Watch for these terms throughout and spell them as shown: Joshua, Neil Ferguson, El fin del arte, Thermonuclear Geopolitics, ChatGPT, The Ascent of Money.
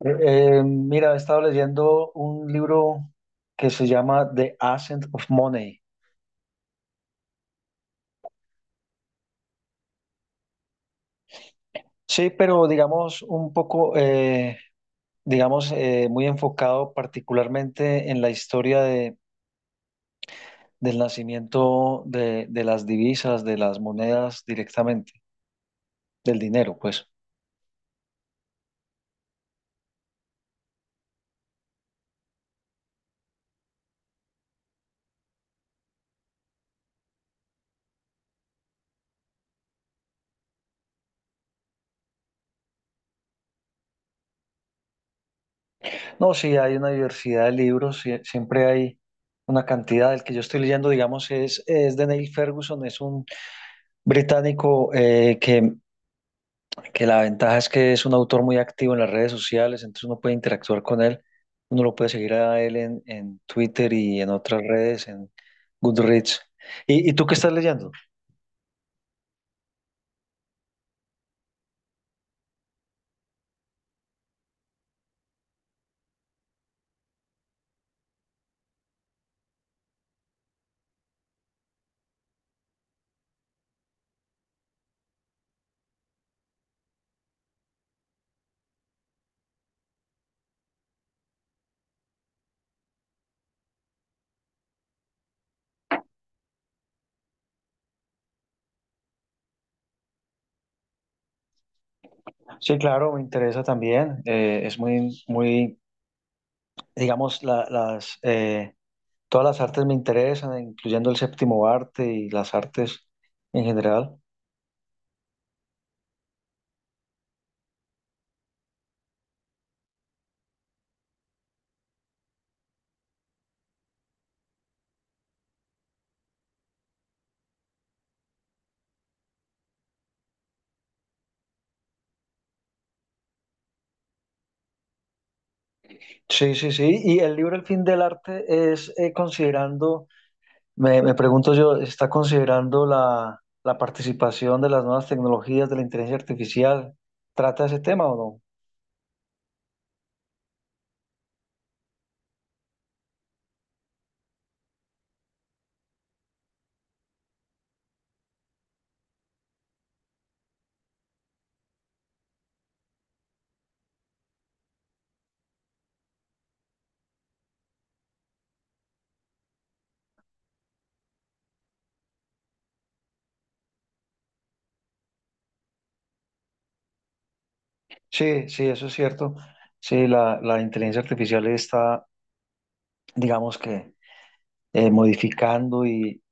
Eh, mira, he estado leyendo un libro que se llama The Ascent of Money. Sí, pero digamos un poco, digamos, muy enfocado particularmente en la historia del nacimiento de las divisas, de las monedas directamente, del dinero, pues. No, sí, hay una diversidad de libros, sí, siempre hay una cantidad. El que yo estoy leyendo, digamos, es de Neil Ferguson, es un británico que la ventaja es que es un autor muy activo en las redes sociales, entonces uno puede interactuar con él, uno lo puede seguir a él en Twitter y en otras redes, en Goodreads. Y tú qué estás leyendo? Sí, claro, me interesa también. Es muy, muy, digamos, todas las artes me interesan, incluyendo el séptimo arte y las artes en general. Sí, sí, sí. Y el libro El fin del arte es considerando Me, me pregunto yo, ¿está considerando la participación de las nuevas tecnologías de la inteligencia artificial? ¿Trata ese tema o no? Sí, sí, eso es cierto. Sí, la inteligencia artificial está, digamos que, modificando y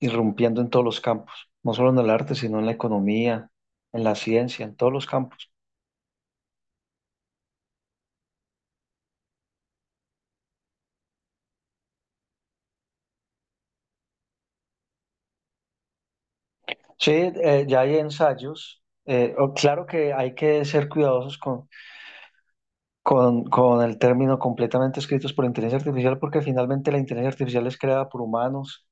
irrumpiendo en todos los campos, no solo en el arte, sino en la economía, en la ciencia, en todos los campos. Sí, ya hay ensayos. Claro que hay que ser cuidadosos con el término completamente escritos por inteligencia artificial, porque finalmente la inteligencia artificial es creada por humanos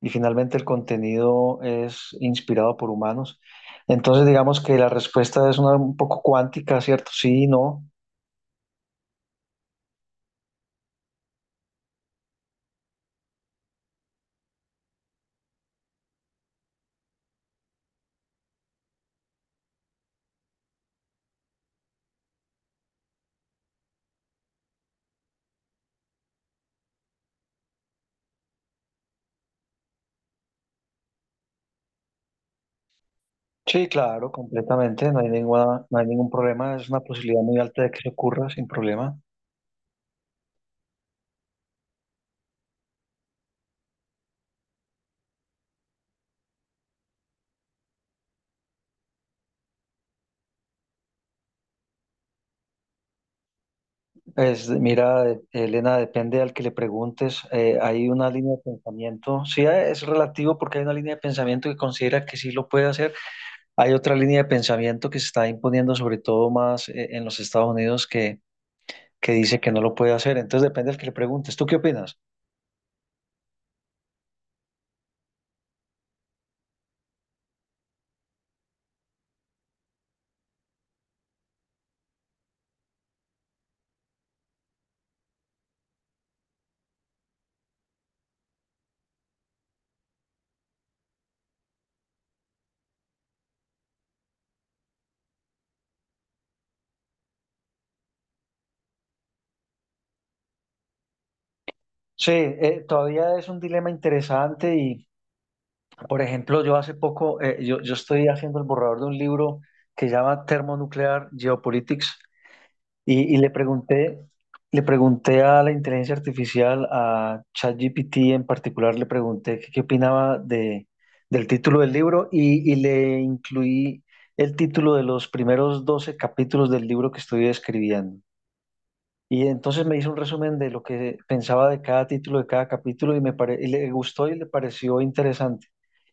y finalmente el contenido es inspirado por humanos. Entonces, digamos que la respuesta es una un poco cuántica, ¿cierto? Sí, no. Sí, claro, completamente. No hay ninguna, no hay ningún problema. Es una posibilidad muy alta de que se ocurra sin problema. Es, mira, Elena, depende al que le preguntes. Hay una línea de pensamiento. Sí, es relativo porque hay una línea de pensamiento que considera que sí lo puede hacer. Hay otra línea de pensamiento que se está imponiendo, sobre todo más en los Estados Unidos, que dice que no lo puede hacer. Entonces depende del que le preguntes. ¿Tú qué opinas? Sí, todavía es un dilema interesante y, por ejemplo, yo hace poco, yo estoy haciendo el borrador de un libro que se llama Thermonuclear Geopolitics. Y le pregunté a la inteligencia artificial, a ChatGPT en particular, le pregunté qué opinaba de, del título del libro y le incluí el título de los primeros 12 capítulos del libro que estoy escribiendo. Y entonces me hizo un resumen de lo que pensaba de cada título, de cada capítulo, y y le gustó y le pareció interesante.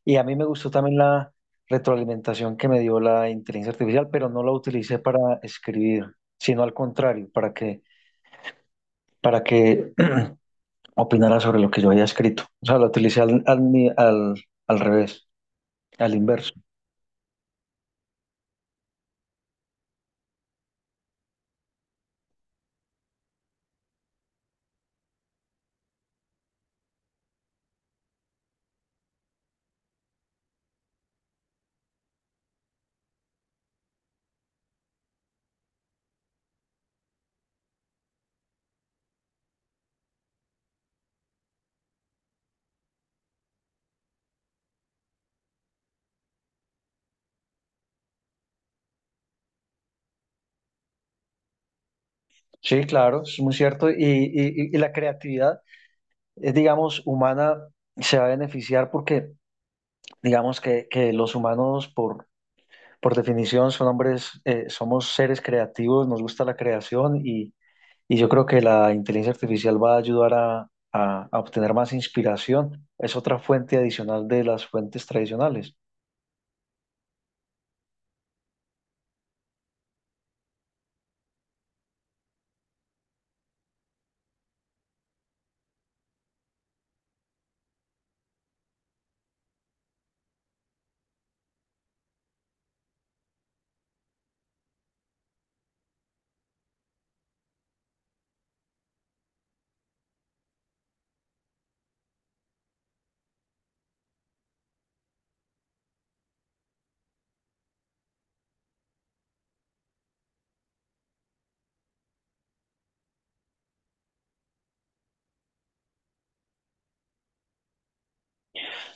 Y a mí me gustó también la retroalimentación que me dio la inteligencia artificial, pero no la utilicé para escribir, sino al contrario, para que opinara sobre lo que yo había escrito. O sea, la utilicé al, al, ni- al, al revés, al inverso. Sí, claro, es muy cierto. Y la creatividad es, digamos, humana, se va a beneficiar porque digamos que los humanos por definición, son hombres, somos seres creativos, nos gusta la creación y yo creo que la inteligencia artificial va a ayudar a obtener más inspiración. Es otra fuente adicional de las fuentes tradicionales.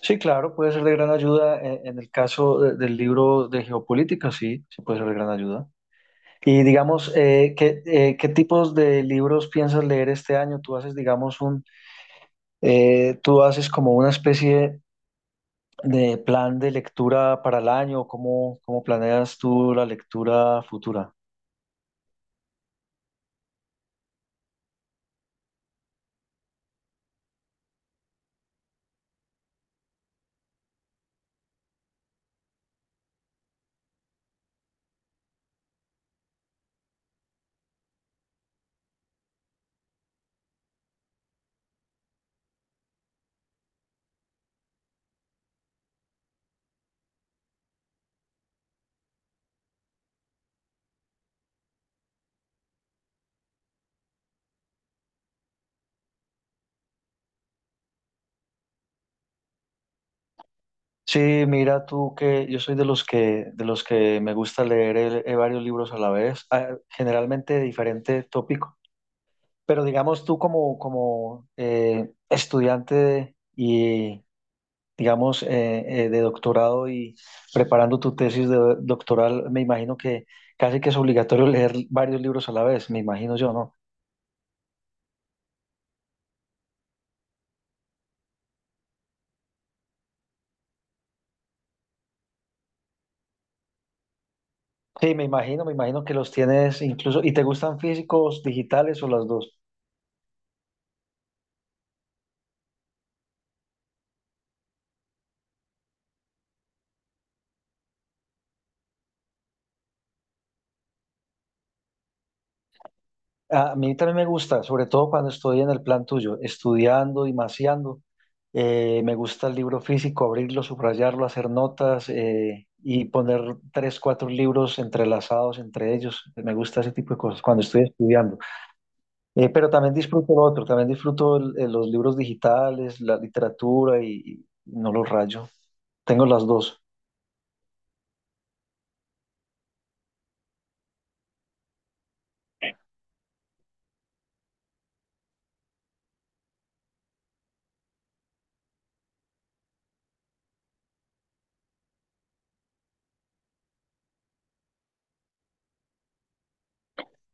Sí, claro, puede ser de gran ayuda el caso del libro de geopolítica, sí, sí puede ser de gran ayuda. Y digamos, ¿ qué tipos de libros piensas leer este año? Tú haces, digamos, tú haces como una especie de plan de lectura para el año, ¿cómo, cómo planeas tú la lectura futura? Sí, mira tú que yo soy de los que me gusta leer varios libros a la vez, ah, generalmente de diferente tópico, pero digamos tú como estudiante y digamos de doctorado y preparando tu tesis de doctoral, me imagino que casi que es obligatorio leer varios libros a la vez, me imagino yo, ¿no? Sí, me imagino que los tienes incluso, ¿y te gustan físicos, digitales o las dos? A mí también me gusta, sobre todo cuando estoy en el plan tuyo, estudiando y maseando. Me gusta el libro físico, abrirlo, subrayarlo, hacer notas y poner tres, cuatro libros entrelazados entre ellos. Me gusta ese tipo de cosas cuando estoy estudiando. Pero también disfruto lo otro, también disfruto los libros digitales, la literatura y no los rayo. Tengo las dos.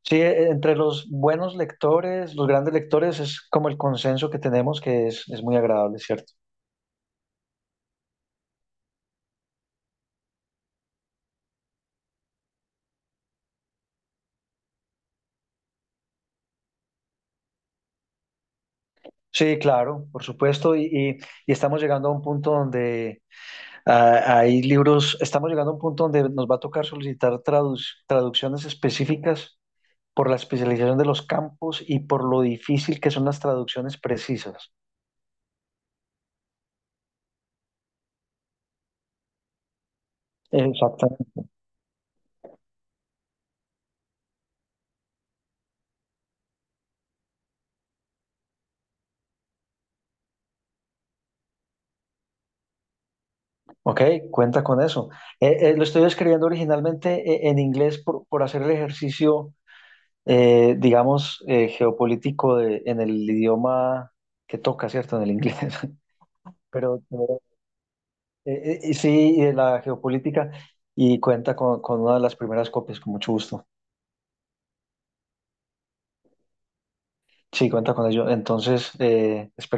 Sí, entre los buenos lectores, los grandes lectores, es como el consenso que tenemos que es muy agradable, ¿cierto? Sí, claro, por supuesto, y estamos llegando a un punto donde hay libros, estamos llegando a un punto donde nos va a tocar solicitar traducciones específicas por la especialización de los campos y por lo difícil que son las traducciones precisas. Exactamente. Ok, cuenta con eso. Lo estoy escribiendo originalmente en inglés por hacer el ejercicio digamos, geopolítico en el idioma que toca, ¿cierto? En el inglés. Pero sí, de la geopolítica y cuenta con una de las primeras copias, con mucho gusto. Sí, cuenta con ello. Entonces, espero que